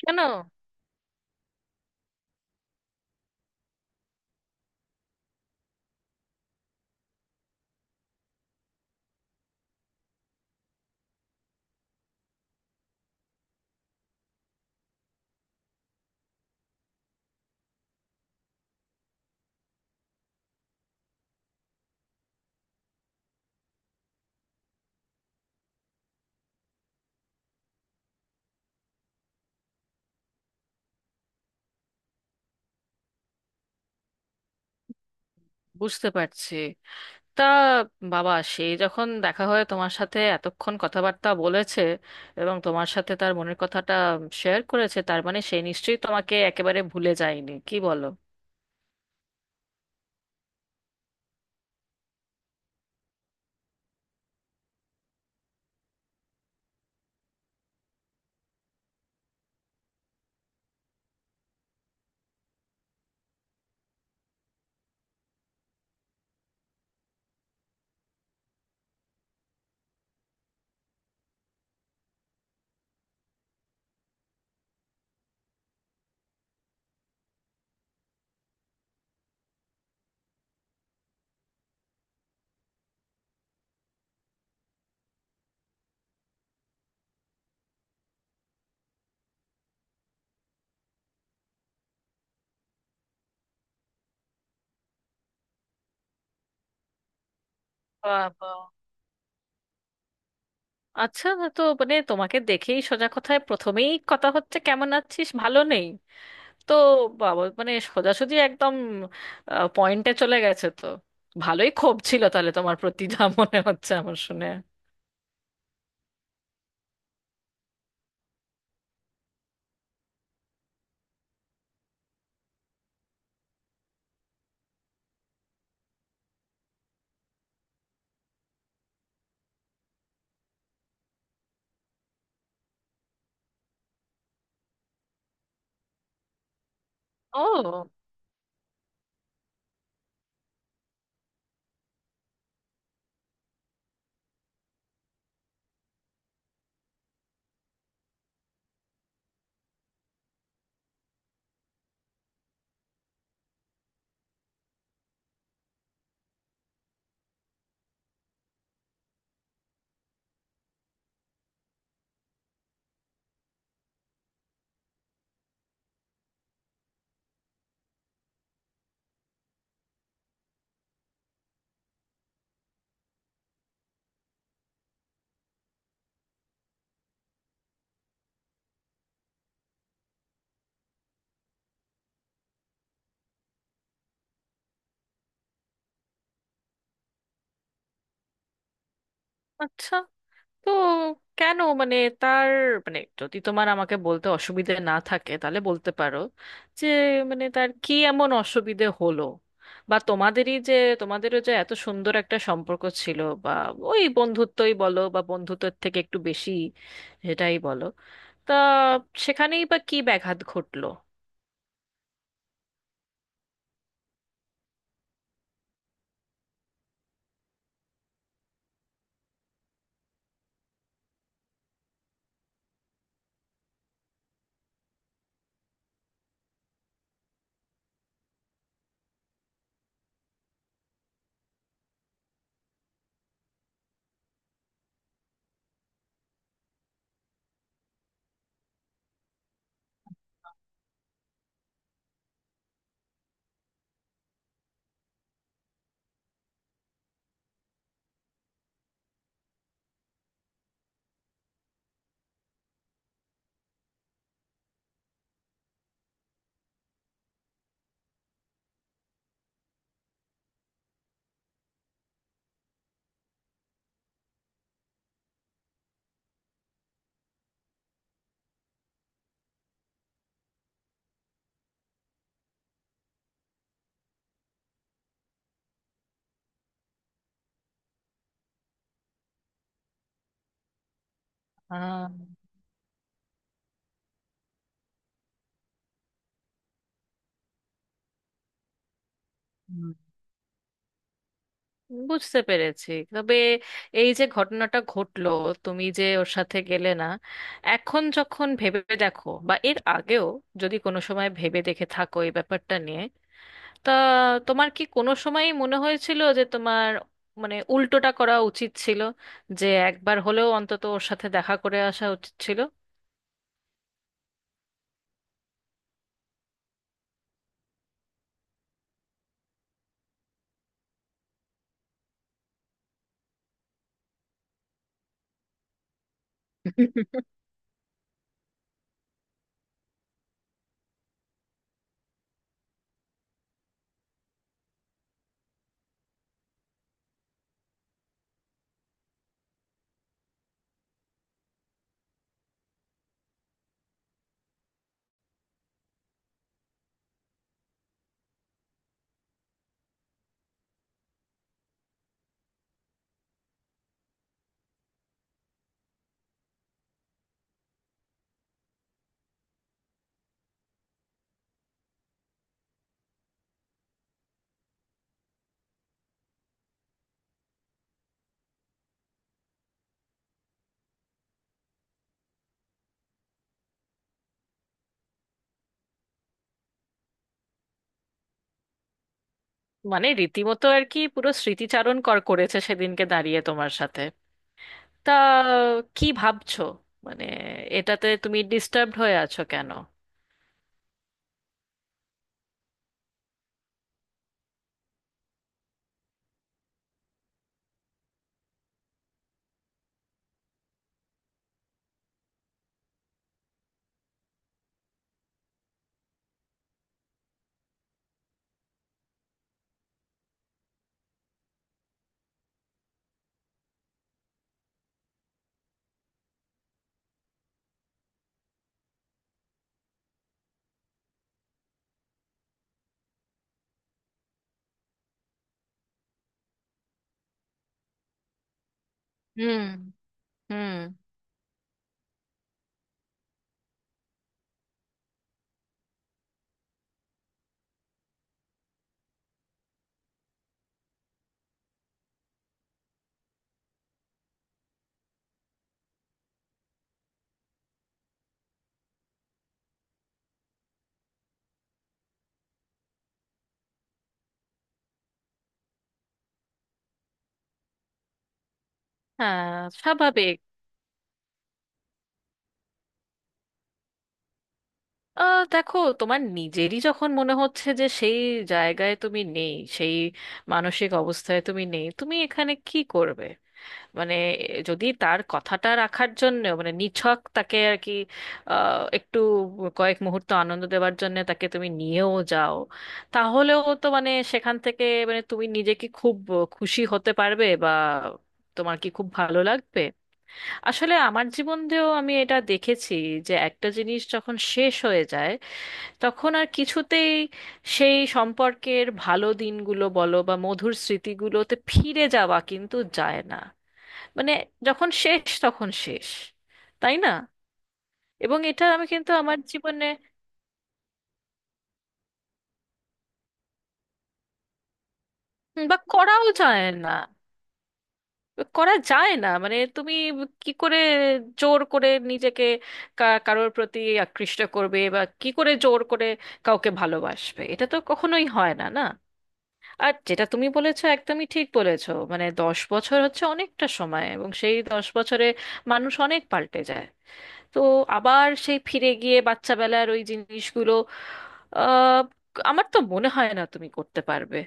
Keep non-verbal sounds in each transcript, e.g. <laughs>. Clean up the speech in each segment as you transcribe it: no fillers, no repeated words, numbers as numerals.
কেন? বুঝতে পারছি। তা বাবা, সে যখন দেখা হয় তোমার সাথে এতক্ষণ কথাবার্তা বলেছে এবং তোমার সাথে তার মনের কথাটা শেয়ার করেছে, তার মানে সে নিশ্চয়ই তোমাকে একেবারে ভুলে যায়নি, কি বলো? বাবা, আচ্ছা। তো মানে তোমাকে দেখেই সোজা কথায় প্রথমেই কথা হচ্ছে কেমন আছিস, ভালো নেই। তো বাবা, মানে সোজাসুজি একদম পয়েন্টে চলে গেছে তো। ভালোই ক্ষোভ ছিল তাহলে তোমার প্রতি, যা মনে হচ্ছে আমার শুনে। ও, আচ্ছা। তো কেন, মানে তার, মানে যদি তোমার আমাকে বলতে অসুবিধে না থাকে তাহলে বলতে পারো যে, মানে তার কি এমন অসুবিধে হলো, বা তোমাদেরই যে তোমাদেরও যে এত সুন্দর একটা সম্পর্ক ছিল, বা ওই বন্ধুত্বই বলো বা বন্ধুত্বের থেকে একটু বেশি, সেটাই বলো, তা সেখানেই বা কি ব্যাঘাত ঘটলো? আহ বুঝতে পেরেছি, তবে এই যে ঘটনাটা ঘটলো, তুমি যে ওর সাথে গেলে না, এখন যখন ভেবে দেখো বা এর আগেও যদি কোনো সময় ভেবে দেখে থাকো এই ব্যাপারটা নিয়ে, তা তোমার কি কোনো সময়ই মনে হয়েছিল যে তোমার মানে উল্টোটা করা উচিত ছিল, যে একবার হলেও অন্তত ওর সাথে দেখা করে আসা উচিত ছিল? <laughs> মানে রীতিমতো আর কি পুরো স্মৃতিচারণ করেছে সেদিনকে দাঁড়িয়ে তোমার সাথে। তা কি ভাবছো? মানে এটাতে তুমি ডিস্টার্বড হয়ে আছো কেন? হুম। হুম। হ্যাঁ, স্বাভাবিক। দেখো, তোমার নিজেরই যখন মনে হচ্ছে যে সেই জায়গায় তুমি নেই, সেই মানসিক অবস্থায় তুমি নেই, তুমি এখানে কি করবে? মানে যদি তার কথাটা রাখার জন্য, মানে নিছক তাকে আর কি, একটু কয়েক মুহূর্ত আনন্দ দেওয়ার জন্য তাকে তুমি নিয়েও যাও, তাহলেও তো মানে সেখান থেকে, মানে তুমি নিজে কি খুব খুশি হতে পারবে, বা তোমার কি খুব ভালো লাগবে? আসলে আমার জীবন দিয়েও আমি এটা দেখেছি, যে একটা জিনিস যখন শেষ হয়ে যায়, তখন আর কিছুতেই সেই সম্পর্কের ভালো দিনগুলো বলো বা মধুর স্মৃতিগুলোতে ফিরে যাওয়া কিন্তু যায় না। মানে যখন শেষ তখন শেষ, তাই না? এবং এটা আমি কিন্তু আমার জীবনে। বা করাও যায় না। করা যায় না, মানে তুমি কি করে জোর করে নিজেকে কারোর প্রতি আকৃষ্ট করবে, বা কি করে জোর করে কাউকে ভালোবাসবে? এটা তো কখনোই হয় না, না? আর যেটা তুমি বলেছো একদমই ঠিক বলেছো, মানে 10 বছর হচ্ছে অনেকটা সময়, এবং সেই 10 বছরে মানুষ অনেক পাল্টে যায়। তো আবার সেই ফিরে গিয়ে বাচ্চাবেলার ওই জিনিসগুলো, আহ আমার তো মনে হয় না তুমি করতে পারবে।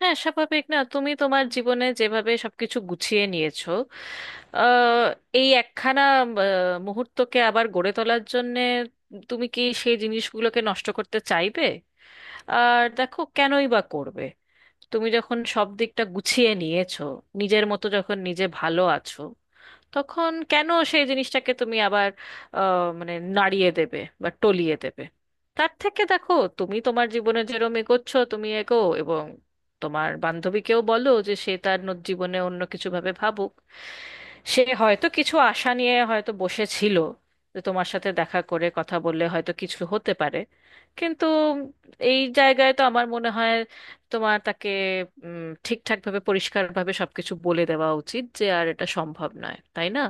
হ্যাঁ, স্বাভাবিক না, তুমি তোমার জীবনে যেভাবে সবকিছু গুছিয়ে নিয়েছো, আহ, এই একখানা আহ, মুহূর্তকে আবার গড়ে তোলার জন্যে তুমি কি সেই জিনিসগুলোকে নষ্ট করতে চাইবে? আর দেখো কেনই বা করবে, তুমি যখন সব দিকটা গুছিয়ে নিয়েছো, নিজের মতো যখন নিজে ভালো আছো, তখন কেন সেই জিনিসটাকে তুমি আবার মানে নাড়িয়ে দেবে বা টলিয়ে দেবে? তার থেকে দেখো, তুমি তোমার জীবনে যেরম এগোচ্ছ তুমি এগো, এবং তোমার বান্ধবীকেও বলো যে সে তার জীবনে অন্য কিছু ভাবে ভাবুক। সে হয়তো কিছু আশা নিয়ে হয়তো বসেছিল যে তোমার সাথে দেখা করে কথা বললে হয়তো কিছু হতে পারে, কিন্তু এই জায়গায় তো আমার মনে হয় তোমার তাকে ঠিকঠাকভাবে পরিষ্কারভাবে সবকিছু বলে দেওয়া উচিত যে আর এটা সম্ভব নয়, তাই না?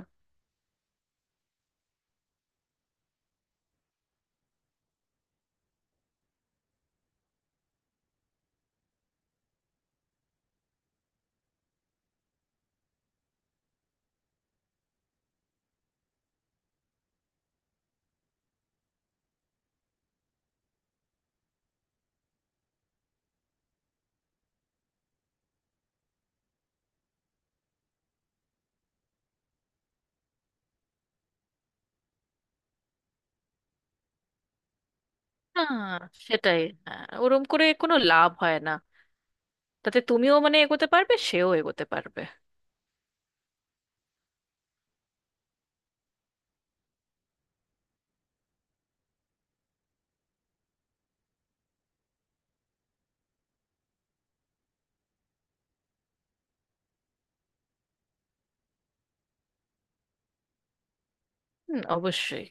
হ্যাঁ, সেটাই। হ্যাঁ, ওরম করে কোনো লাভ হয় না, তাতে তুমিও মানে এগোতে পারবে, সেও এগোতে পারবে। হুম, অবশ্যই।